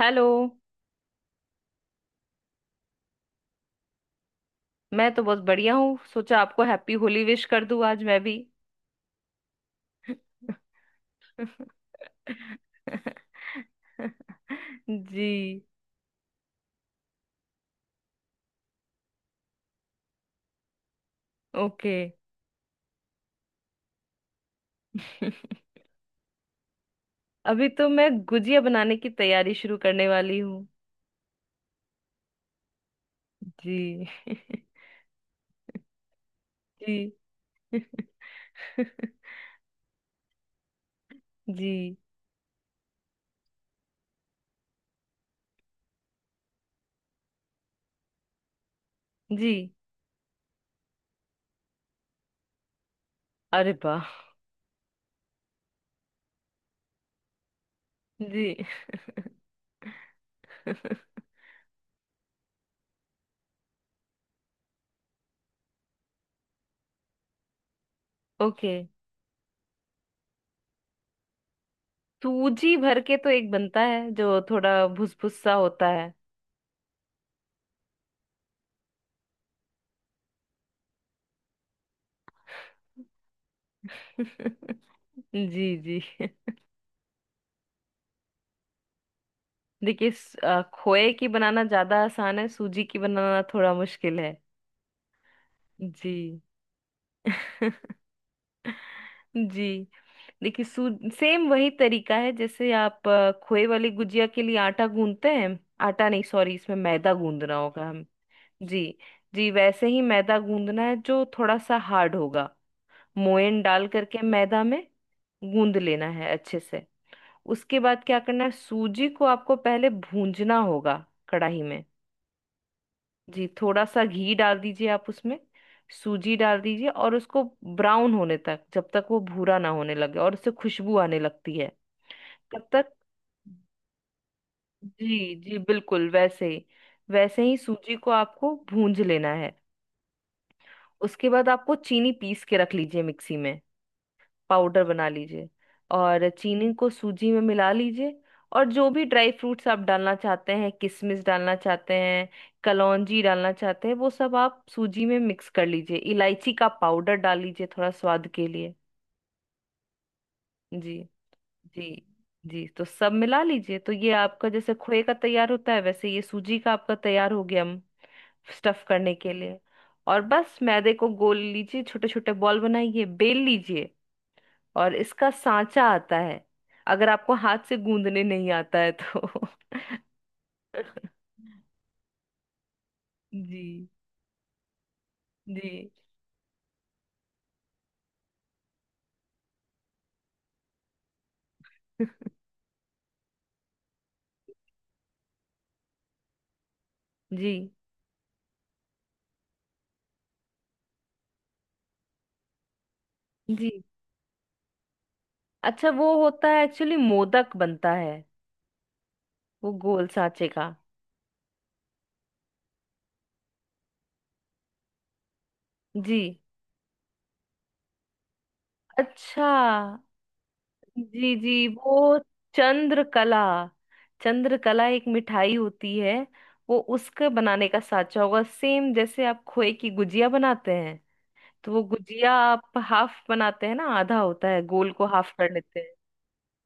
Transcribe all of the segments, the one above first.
Hello. मैं तो बहुत बढ़िया हूँ, सोचा आपको हैप्पी होली विश कर दूँ आज मैं भी। जी। ओके। अभी तो मैं गुजिया बनाने की तैयारी शुरू करने वाली हूँ। जी। जी। जी जी। अरे वाह। जी। ओके। सूजी भर के तो एक बनता है जो थोड़ा भुस भुस सा होता है। जी जी। देखिए खोए की बनाना ज्यादा आसान है, सूजी की बनाना थोड़ा मुश्किल है। जी। जी। देखिए सू सेम वही तरीका है जैसे आप खोए वाली गुजिया के लिए आटा गूंदते हैं। आटा नहीं, सॉरी, इसमें मैदा गूंदना होगा। हम। जी। जी वैसे ही मैदा गूंदना है जो थोड़ा सा हार्ड होगा। मोयन डाल करके मैदा में गूंद लेना है अच्छे से। उसके बाद क्या करना है, सूजी को आपको पहले भूंजना होगा कढ़ाई में। जी, थोड़ा सा घी डाल दीजिए आप उसमें। सूजी डाल दीजिए और उसको ब्राउन होने तक, जब तक वो भूरा ना होने लगे और उससे खुशबू आने लगती है, तब तक। जी जी बिल्कुल वैसे ही। वैसे ही सूजी को आपको भूंज लेना है। उसके बाद आपको चीनी पीस के रख लीजिए मिक्सी में, पाउडर बना लीजिए। और चीनी को सूजी में मिला लीजिए। और जो भी ड्राई फ्रूट्स आप डालना चाहते हैं, किशमिश डालना चाहते हैं, कलौंजी डालना चाहते हैं, वो सब आप सूजी में मिक्स कर लीजिए। इलायची का पाउडर डाल लीजिए थोड़ा स्वाद के लिए। जी। जी। जी, तो सब मिला लीजिए, तो ये आपका जैसे खोए का तैयार होता है, वैसे ये सूजी का आपका तैयार हो गया स्टफ करने के लिए। और बस मैदे को गोल लीजिए, छोटे छोटे बॉल बनाइए, बेल लीजिए। और इसका सांचा आता है, अगर आपको हाथ से गूंदने नहीं आता है तो। जी। जी। जी। जी, अच्छा वो होता है एक्चुअली, मोदक बनता है वो गोल सांचे का। जी। अच्छा। जी। जी वो चंद्रकला, चंद्रकला एक मिठाई होती है। वो उसके बनाने का सांचा होगा, सेम जैसे आप खोए की गुजिया बनाते हैं, तो वो गुजिया आप हाफ बनाते हैं ना, आधा होता है, गोल को हाफ कर लेते हैं।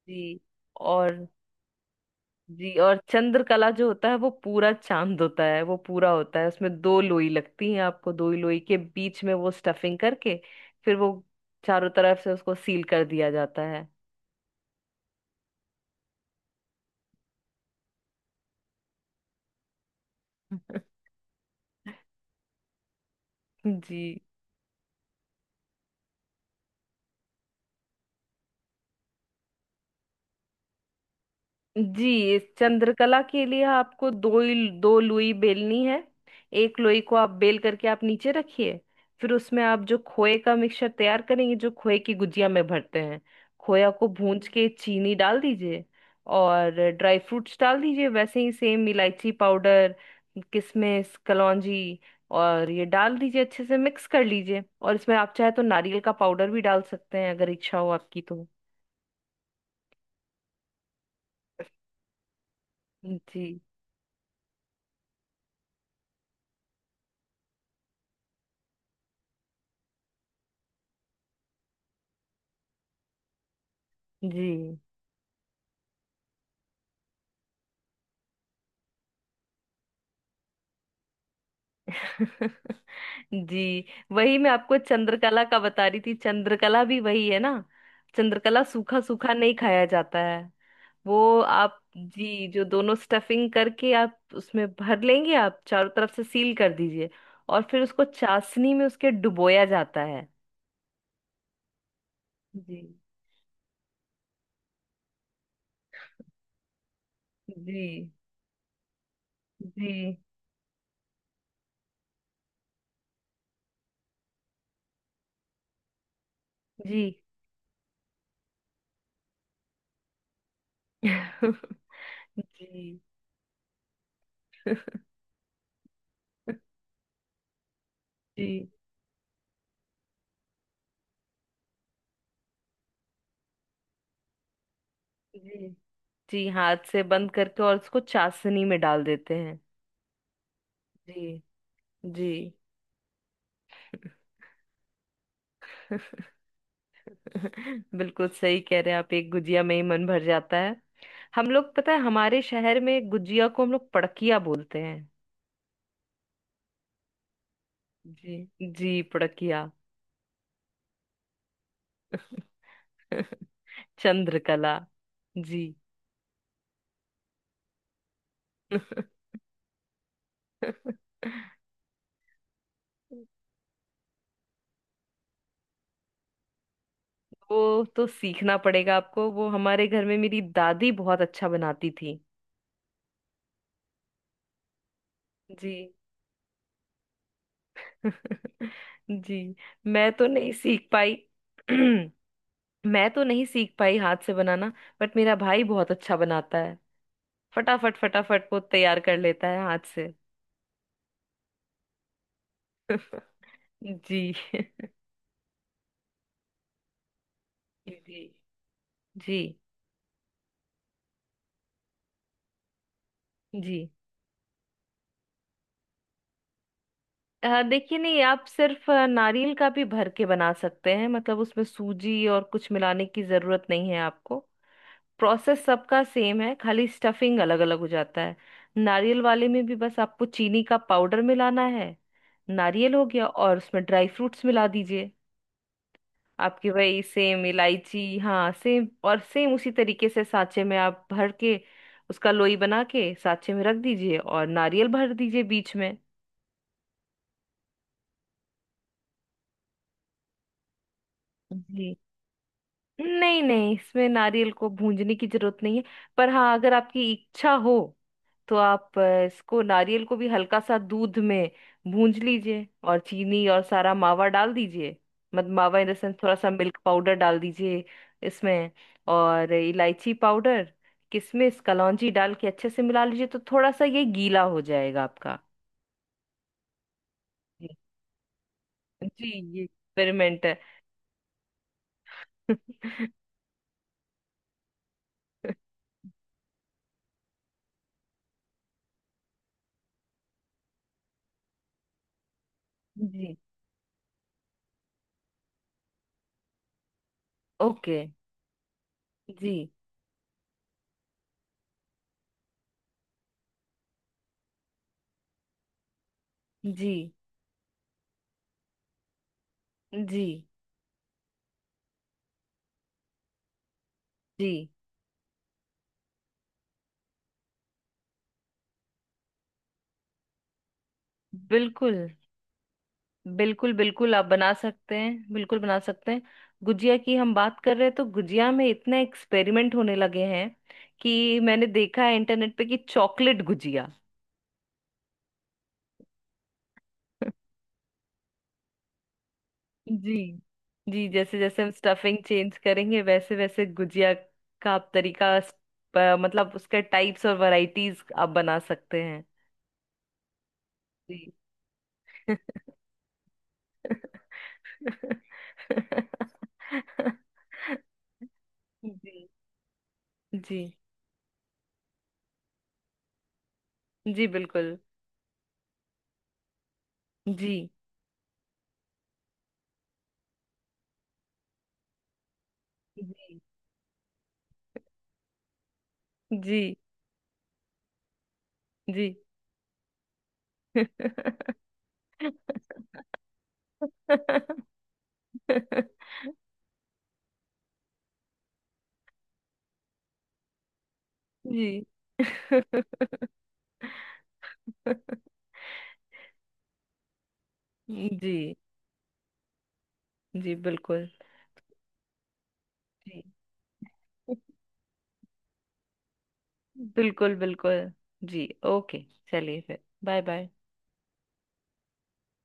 जी। और। जी और चंद्रकला जो होता है वो पूरा चांद होता है, वो पूरा होता है, उसमें दो लोई लगती हैं आपको, दो ही लोई के बीच में वो स्टफिंग करके फिर वो चारों तरफ से उसको सील कर दिया जाता है। जी। जी इस चंद्रकला के लिए आपको दो ही दो लोई बेलनी है। एक लोई को आप बेल करके आप नीचे रखिए। फिर उसमें आप जो खोए का मिक्सचर तैयार करेंगे, जो खोए की गुजिया में भरते हैं, खोया को भूंज के चीनी डाल दीजिए और ड्राई फ्रूट्स डाल दीजिए, वैसे ही सेम इलायची पाउडर, किशमिश, कलौंजी। और ये डाल दीजिए, अच्छे से मिक्स कर लीजिए। और इसमें आप चाहे तो नारियल का पाउडर भी डाल सकते हैं, अगर इच्छा हो आपकी तो। जी। जी। जी वही मैं आपको चंद्रकला का बता रही थी। चंद्रकला भी वही है ना, चंद्रकला सूखा सूखा नहीं खाया जाता है। वो आप, जी, जो दोनों स्टफिंग करके आप उसमें भर लेंगे, आप चारों तरफ से सील कर दीजिए और फिर उसको चाशनी में उसके डुबोया जाता है। जी। जी। जी। जी। जी। जी। जी। जी हाथ से बंद करके और उसको चाशनी में डाल देते हैं। जी जी। बिल्कुल सही कह रहे हैं आप, एक गुजिया में ही मन भर जाता है। हम लोग, पता है, हमारे शहर में गुजिया को हम लोग पड़किया बोलते हैं। जी। जी पड़किया। चंद्रकला। जी। वो तो सीखना पड़ेगा आपको। वो हमारे घर में मेरी दादी बहुत अच्छा बनाती थी। जी। जी मैं तो नहीं सीख पाई। मैं तो नहीं सीख पाई हाथ से बनाना। बट मेरा भाई बहुत अच्छा बनाता, फटाफट फटाफट वो तैयार कर लेता है हाथ से। जी। जी। जी। जी देखिए, नहीं, आप सिर्फ नारियल का भी भर के बना सकते हैं, मतलब उसमें सूजी और कुछ मिलाने की जरूरत नहीं है आपको। प्रोसेस सबका सेम है, खाली स्टफिंग अलग अलग हो जाता है। नारियल वाले में भी बस आपको चीनी का पाउडर मिलाना है। नारियल हो गया और उसमें ड्राई फ्रूट्स मिला दीजिए। आपकी वही सेम इलायची, हाँ, सेम और सेम उसी तरीके से साँचे में आप भर के, उसका लोई बना के साँचे में रख दीजिए और नारियल भर दीजिए बीच में। जी, नहीं नहीं, इसमें नारियल को भूंजने की जरूरत नहीं है। पर हाँ, अगर आपकी इच्छा हो तो आप इसको, नारियल को भी हल्का सा दूध में भूंज लीजिए और चीनी और सारा मावा डाल दीजिए। मत मावा इन द सेंस, थोड़ा सा मिल्क पाउडर डाल दीजिए इसमें। और इलायची पाउडर, किशमिश, कलौंजी डाल के अच्छे से मिला लीजिए, तो थोड़ा सा ये गीला हो जाएगा आपका। जी। जी, ये एक्सपेरिमेंट है। जी। ओके। जी। जी। जी। जी बिल्कुल बिल्कुल। बिल्कुल आप बना सकते हैं, बिल्कुल बना सकते हैं। गुजिया की हम बात कर रहे हैं तो गुजिया में इतने एक्सपेरिमेंट होने लगे हैं कि मैंने देखा है इंटरनेट पे कि चॉकलेट गुजिया। जी। जी जैसे जैसे हम स्टफिंग चेंज करेंगे वैसे वैसे गुजिया का आप तरीका मतलब उसके टाइप्स और वैरायटीज आप बना सकते हैं। जी। जी। जी। जी बिल्कुल। जी। जी। जी। जी। जी। जी जी बिल्कुल। जी बिल्कुल बिल्कुल। जी ओके, चलिए, फिर बाय बाय।